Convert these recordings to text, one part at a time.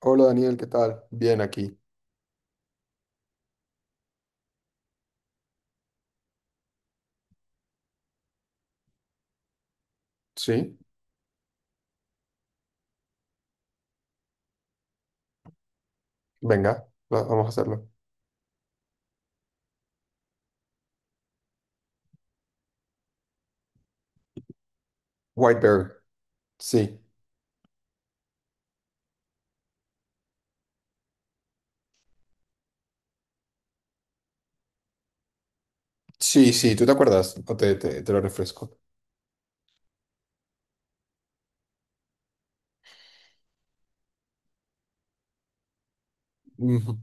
Hola Daniel, ¿qué tal? Bien aquí. Sí, venga, vamos a hacerlo. White Bear. Sí, sí, sí, ¿tú te acuerdas? O te lo refresco. Ujú.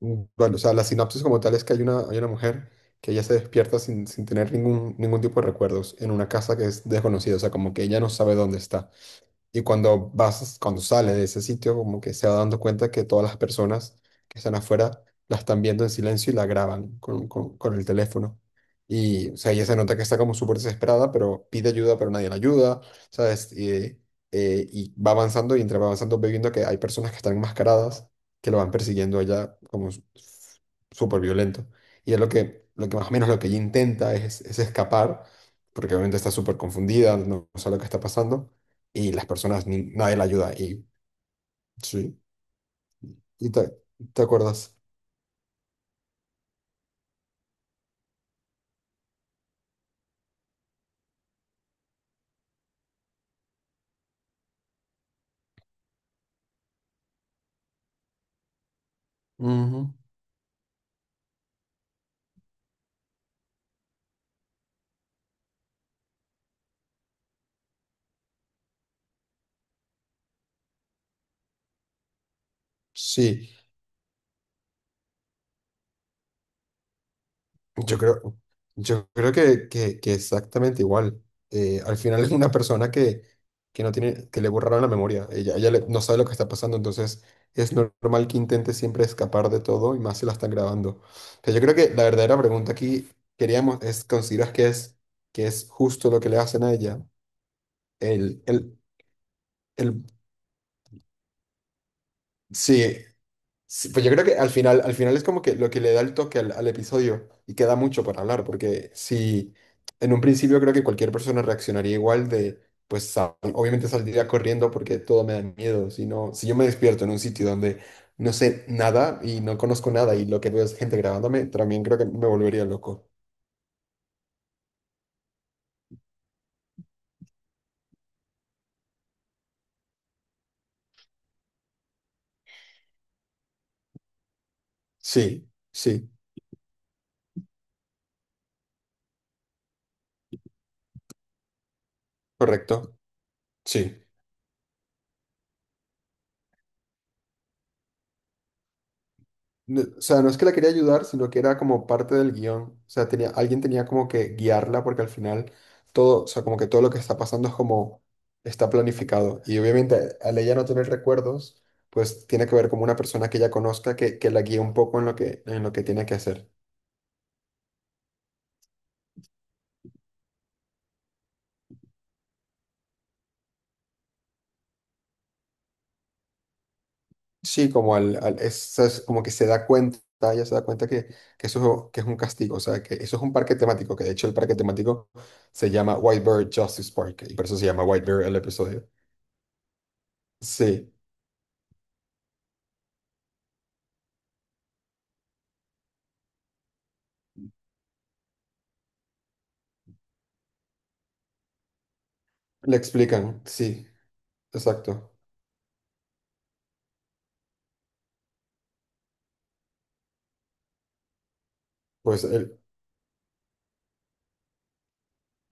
Bueno, o sea, la sinopsis como tal es que hay una mujer que ella se despierta sin tener ningún tipo de recuerdos en una casa que es desconocida, o sea, como que ella no sabe dónde está. Y cuando sales de ese sitio, como que se va dando cuenta que todas las personas que están afuera la están viendo en silencio y la graban con el teléfono. Y, o sea, ella se nota que está como súper desesperada, pero pide ayuda, pero nadie la ayuda, ¿sabes? Y va avanzando y entre va avanzando ve viendo que hay personas que están enmascaradas que lo van persiguiendo a ella súper violento. Y es lo que más o menos lo que ella intenta es escapar, porque obviamente está súper confundida, no sabe lo que está pasando y las personas, nadie la ayuda. Y sí, y te, te acuerdas. Ujú. Sí, yo creo, yo creo que exactamente igual. Al final es una persona que no tiene, que le borraron la memoria. No sabe lo que está pasando, entonces es normal que intente siempre escapar de todo y más si la están grabando. Pero yo creo que la verdadera pregunta aquí queríamos es, ¿consideras que es justo lo que le hacen a ella? El, el, el, sí, sí, pues yo creo que al final es como que lo que le da el toque al episodio y queda mucho para hablar, porque si en un principio creo que cualquier persona reaccionaría pues obviamente saldría corriendo porque todo me da miedo, si no, si yo me despierto en un sitio donde no sé nada y no conozco nada y lo que veo es gente grabándome, también creo que me volvería loco. Sí, sí, correcto, sí. O sea, no es que la quería ayudar, sino que era como parte del guión. O sea, tenía, alguien tenía como que guiarla porque al final todo, o sea, como que todo lo que está pasando es como está planificado. Y obviamente al ella no tener recuerdos, pues tiene que ver como una persona que ella conozca que la guíe un poco en lo en lo que tiene que hacer. Sí, como es como que se da cuenta, ella se da cuenta que eso que es un castigo, o sea, que eso es un parque temático, que de hecho el parque temático se llama White Bear Justice Park, y por eso se llama White Bear el episodio. Sí. Le explican, sí, exacto. Pues el,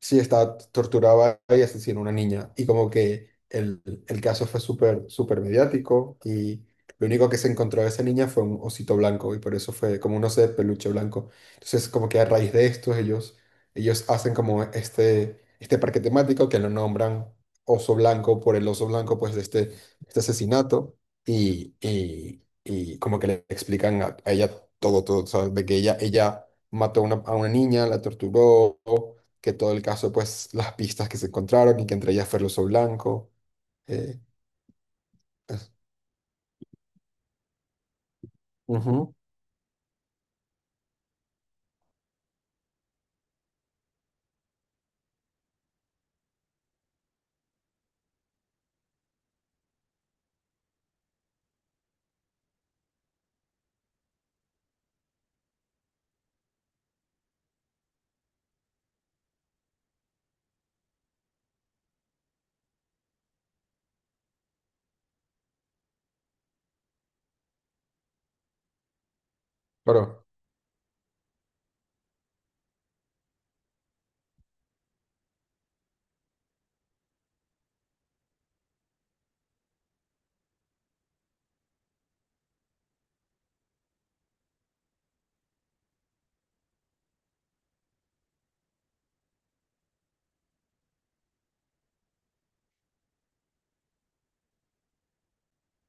sí estaba torturaba y asesinó a una niña. Y como el caso fue súper, súper mediático y lo único que se encontró de esa niña fue un osito blanco y por eso fue como un oso de peluche blanco. Entonces como que a raíz de esto ellos hacen como este parque temático que lo nombran oso blanco por el oso blanco pues de este asesinato y como que le explican a ella todo, todo, o sea, de que ella mató a a una niña, la torturó que todo el caso, pues las pistas que se encontraron y que entre ellas fue el uso blanco. eh, es- Ujú. Pero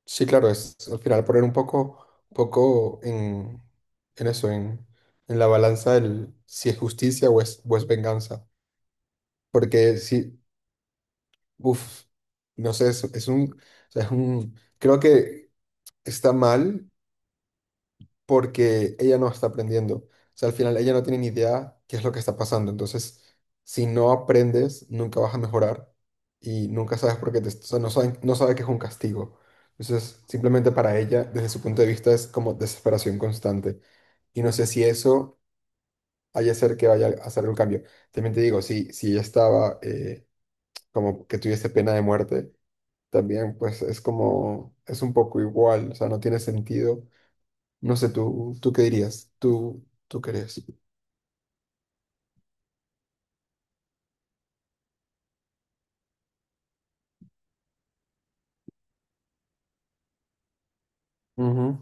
sí, claro, es al final poner un poco en eso, en la balanza del si es justicia o o es venganza. Porque sí, uff, no sé, es un, o sea, es un, creo que está mal porque ella no está aprendiendo. O sea, al final ella no tiene ni idea qué es lo que está pasando. Entonces, si no aprendes, nunca vas a mejorar y nunca sabes por qué te, o sea, no saben, no sabe que es un castigo. Entonces, simplemente para ella, desde su punto de vista, es como desesperación constante. Y no sé si eso haya ser que vaya a hacer un cambio. También te digo, si ella estaba como que tuviese pena de muerte, también pues es como, es un poco igual, o sea, no tiene sentido no sé, ¿tú qué dirías? ¿Tú qué crees? Ujú.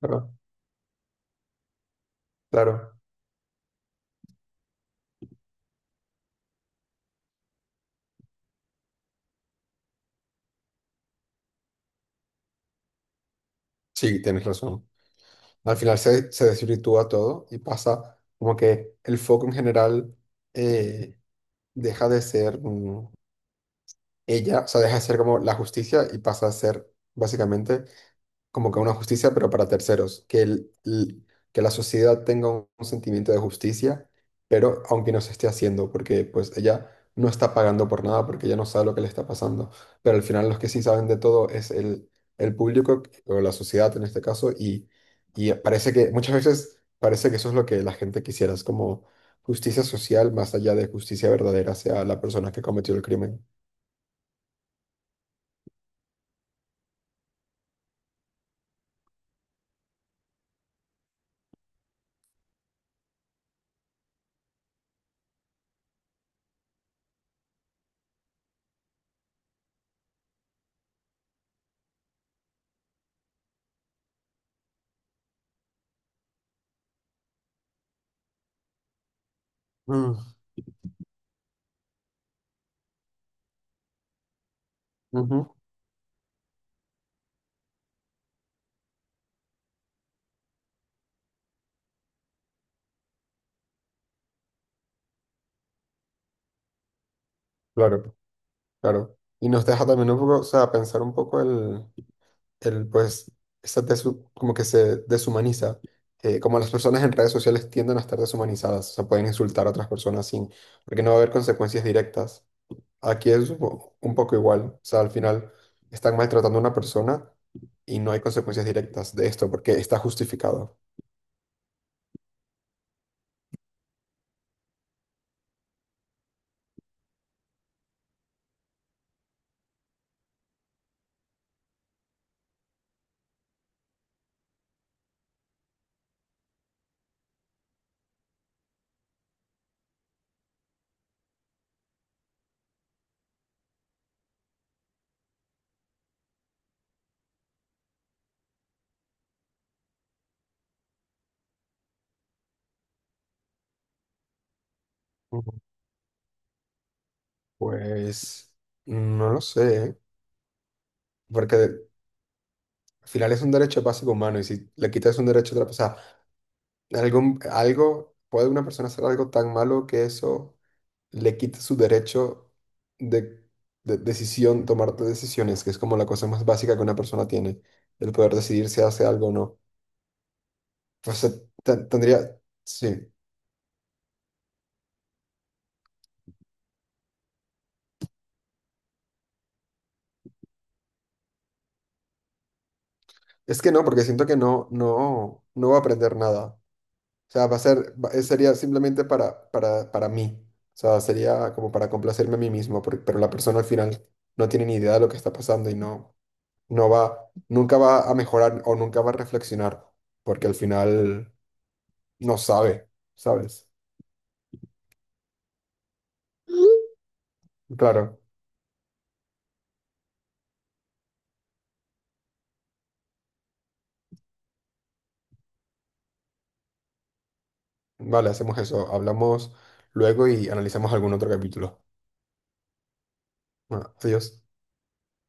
Claro, claro. Sí, tienes razón. Al se desvirtúa todo y pasa como que el foco en general eh, deja de ser o sea, deja de ser como la justicia y pasa a ser básicamente como que una justicia, pero para terceros, que la sociedad tenga un sentimiento de justicia, pero aunque no se esté haciendo, porque pues ella no está pagando por nada, porque ella no sabe lo que le está pasando, pero al final los que sí saben de todo es el público o la sociedad en este caso, y parece que muchas veces parece que eso es lo que la gente quisiera, es como justicia social más allá de justicia verdadera hacia la persona que cometió el crimen. Mm, ujú. Claro. Claro. Y nos deja también un poco, o sea, pensar un poco el pues, esa como que se deshumaniza. Como las personas en redes sociales tienden a estar deshumanizadas, o sea, pueden insultar a otras personas sin, porque no va a haber consecuencias directas. Aquí es un poco igual, o sea, al final están maltratando a una persona y no hay consecuencias directas de esto porque está justificado. Ujú. Pues no lo sé, porque al final es un derecho básico humano y si le quitas un derecho a otra persona, Algo, ¿puede una persona hacer algo tan malo que eso le quite su derecho de, de decisión, tomar decisiones, que es como la cosa más básica que una persona tiene, el poder decidir si hace algo o no? Tendría, sí. Es que no, porque siento que no va a aprender nada. O sea, va a ser, va- sería simplemente para mí. O sea, sería como para complacerme a mí mismo, porque pero la persona al final no tiene ni idea de lo que está pasando y no. Nunca va a mejorar o nunca va a reflexionar, porque al final no sabe, ¿sabes? Claro, vale, hacemos eso, hablamos luego y analizamos algún otro capítulo. Bueno, adiós.